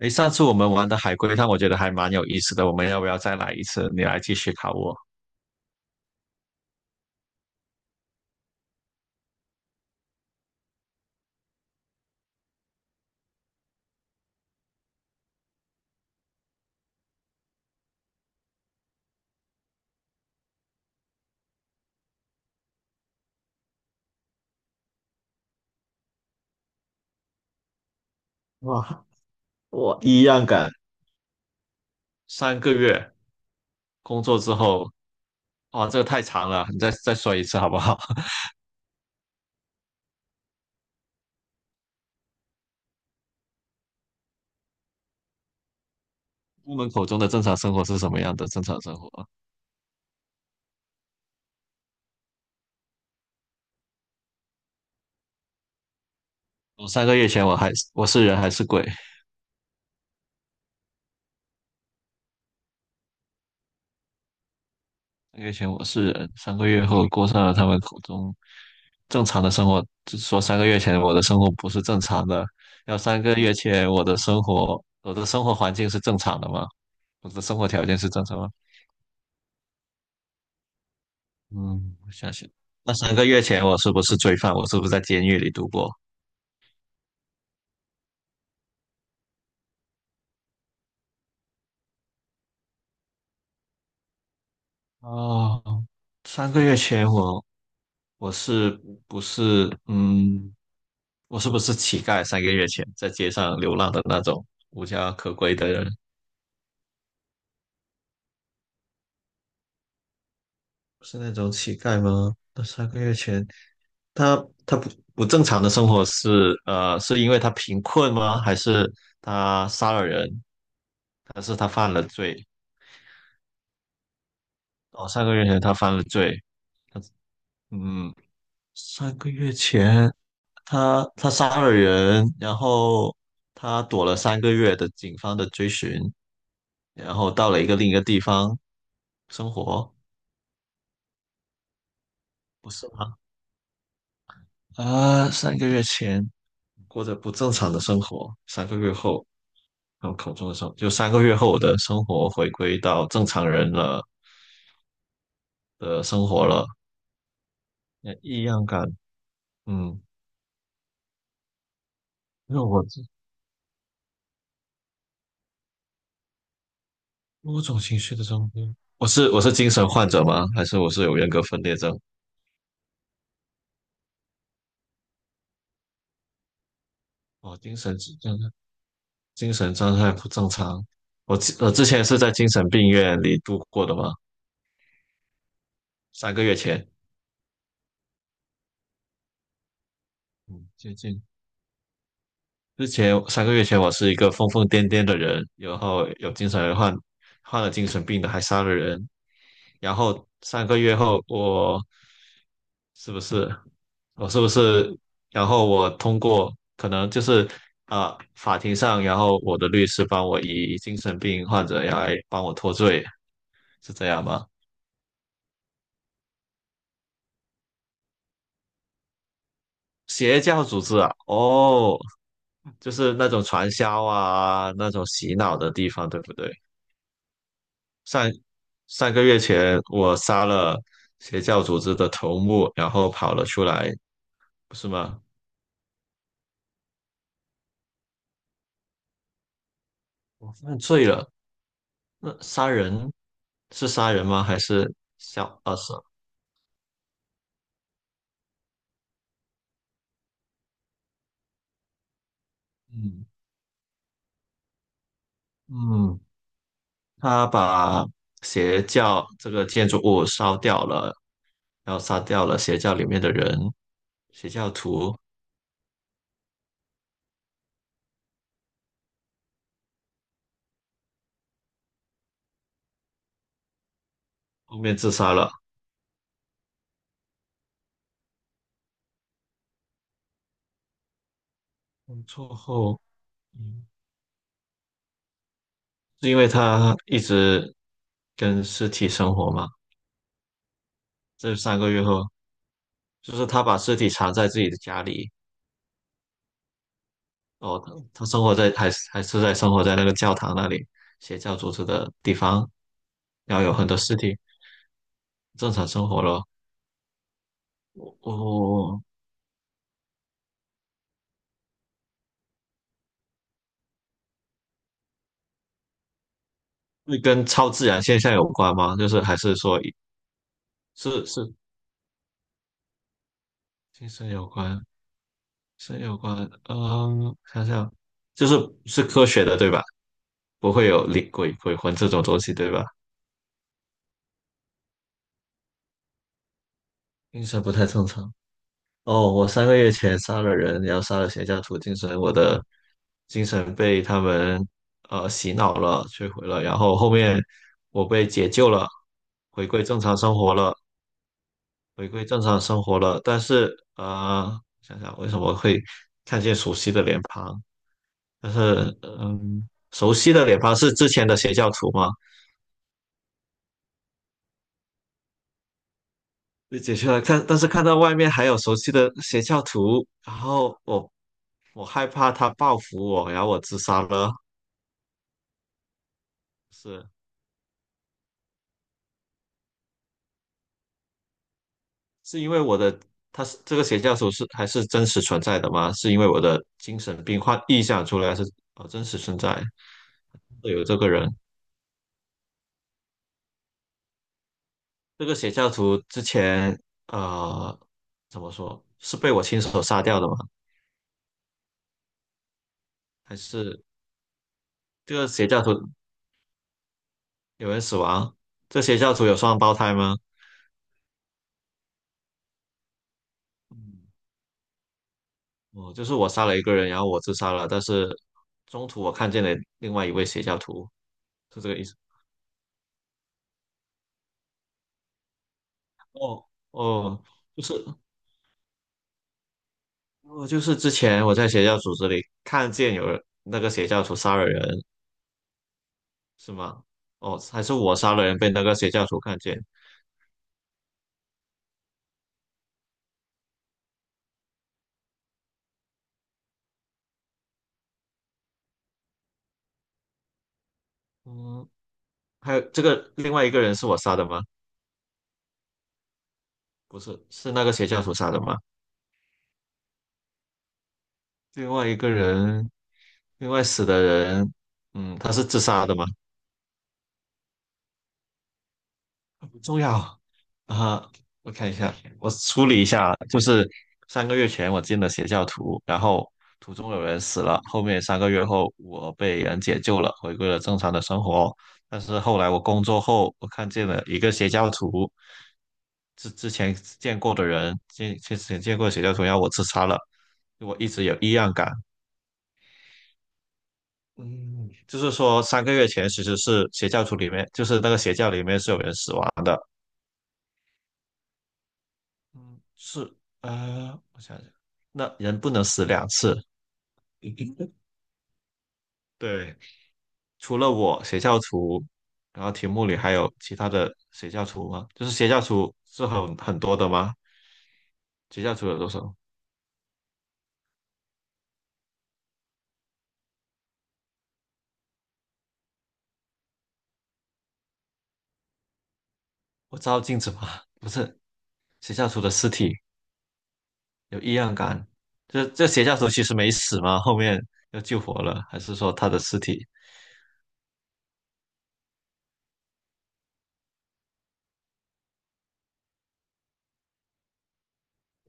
诶，上次我们玩的海龟汤，我觉得还蛮有意思的。我们要不要再来一次？你来继续考我。哇，我一样敢。三个月工作之后，哇，这个太长了，你再说一次好不好？我门口中的正常生活是什么样的？正常生活，我三个月前我是人还是鬼？三个月前我是人，三个月后过上了他们口中正常的生活。就是说三个月前我的生活不是正常的，要三个月前我的生活，我的生活环境是正常的吗？我的生活条件是正常吗？嗯，我相信。那三个月前我是不是罪犯？我是不是在监狱里度过？哦，三个月前我是不是我是不是乞丐？三个月前在街上流浪的那种无家可归的人。是那种乞丐吗？那三个月前，他他不正常的生活是是因为他贫困吗？还是他杀了人？还是他犯了罪？哦，三个月前他犯了罪。他嗯，三个月前他杀了人，然后他躲了三个月的警方的追寻，然后到了一个另一个地方生活，不是吗？啊，三个月前过着不正常的生活，三个月后。考口中的生”，活就三个月后我的生活回归到正常人了的生活了，呃异样感，嗯，因为我这某种情绪的中间，我是精神患者吗？还是我是有人格分裂症？哦，精神状态不正常。我之前是在精神病院里度过的吗？三个月前，嗯，接近之前三个月前，我是一个疯疯癫癫的人，然后有精神患患了精神病的，还杀了人。然后三个月后，是不是我是不是？然后我通过可能就是法庭上，然后我的律师帮我以精神病患者来帮我脱罪，是这样吗？邪教组织啊，哦，就是那种传销啊，那种洗脑的地方，对不对？上上个月前我杀了邪教组织的头目，然后跑了出来，不是吗？我犯罪了。那杀人是杀人吗？还是小二十？嗯嗯，他把邪教这个建筑物烧掉了，然后杀掉了邪教里面的人，邪教徒后面自杀了。工作后，嗯，是因为他一直跟尸体生活吗？这三个月后。就是他把尸体藏在自己的家里，哦，他他生活在还是在生活在那个教堂那里，邪教组织的地方，然后有很多尸体，正常生活咯。哦，会跟超自然现象有关吗？就是还是说是精神有关，神有关，嗯，想想就是是科学的对吧？不会有灵鬼魂这种东西对吧？精神不太正常。哦，我三个月前杀了人，然后杀了邪教徒精神，我的精神被他们洗脑了，摧毁了，然后后面我被解救了，回归正常生活了，回归正常生活了。但是呃，想想为什么会看见熟悉的脸庞？但是嗯，熟悉的脸庞是之前的邪教徒吗？被解救了，看，但是看到外面还有熟悉的邪教徒，然后我害怕他报复我，然后我自杀了。是，是因为我的，他是这个邪教徒是还是真实存在的吗？是因为我的精神病患臆想出来是真实存在，有这个人，这个邪教徒之前呃怎么说是被我亲手杀掉的吗？还是这个邪教徒有人死亡？这邪教徒有双胞胎吗？嗯，哦，就是我杀了一个人，然后我自杀了，但是中途我看见了另外一位邪教徒，是这个意思？哦哦，就是。哦，就是之前我在邪教组织里看见有人那个邪教徒杀了人，是吗？哦，还是我杀了人被那个邪教徒看见？嗯，还有这个另外一个人是我杀的吗？不是，是那个邪教徒杀的吗？另外一个人，另外死的人，嗯，他是自杀的吗？很重要啊！我看一下，我梳理一下啊，就是三个月前我进了邪教徒，然后途中有人死了，后面三个月后我被人解救了，回归了正常的生活。但是后来我工作后，我看见了一个邪教徒，之前见过的人，见之前见过的邪教徒要我自杀了，我一直有异样感。嗯，就是说三个月前其实是邪教徒里面，就是那个邪教里面是有人死亡的。嗯，是，啊，我想想，那人不能死两次。对，除了我邪教徒，然后题目里还有其他的邪教徒吗？就是邪教徒是很多的吗？邪教徒有多少？我照镜子吗？不是，邪教徒的尸体有异样感，这邪教徒其实没死吗？后面又救活了，还是说他的尸体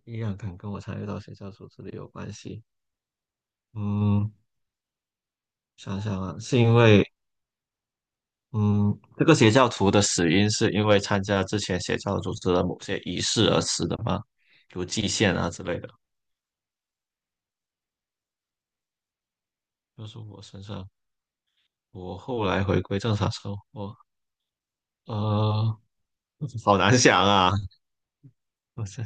异样感跟我参与到邪教徒这里有关系？嗯，想想啊，是因为嗯，这个邪教徒的死因是因为参加之前邪教组织的某些仪式而死的吗？如祭献啊之类的。就是我身上，我后来回归正常生活，呃，好难想啊，不是，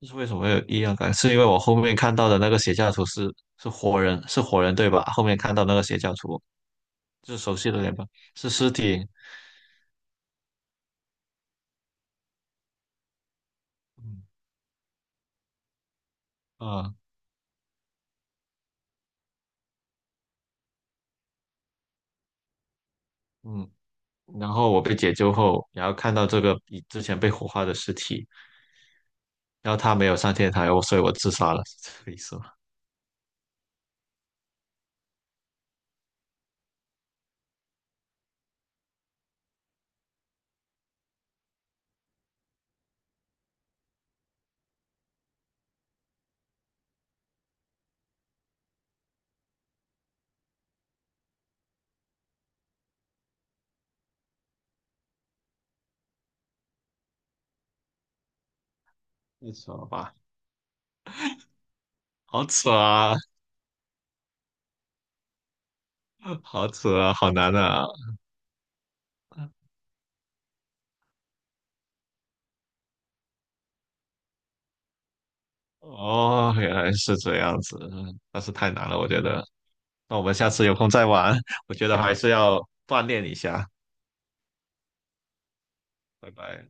这是为什么会有异样感？是因为我后面看到的那个邪教徒是是活人，是活人对吧？后面看到那个邪教徒是熟悉的脸吧？是尸体，嗯啊嗯，然后我被解救后，然后看到这个比之前被火化的尸体。然后他没有上天台，我所以我自杀了。是这个意思吗？太扯了吧？好扯啊，好扯啊，好难啊！哦，原来是这样子，但是太难了，我觉得。那我们下次有空再玩，我觉得还是要锻炼一下。拜拜。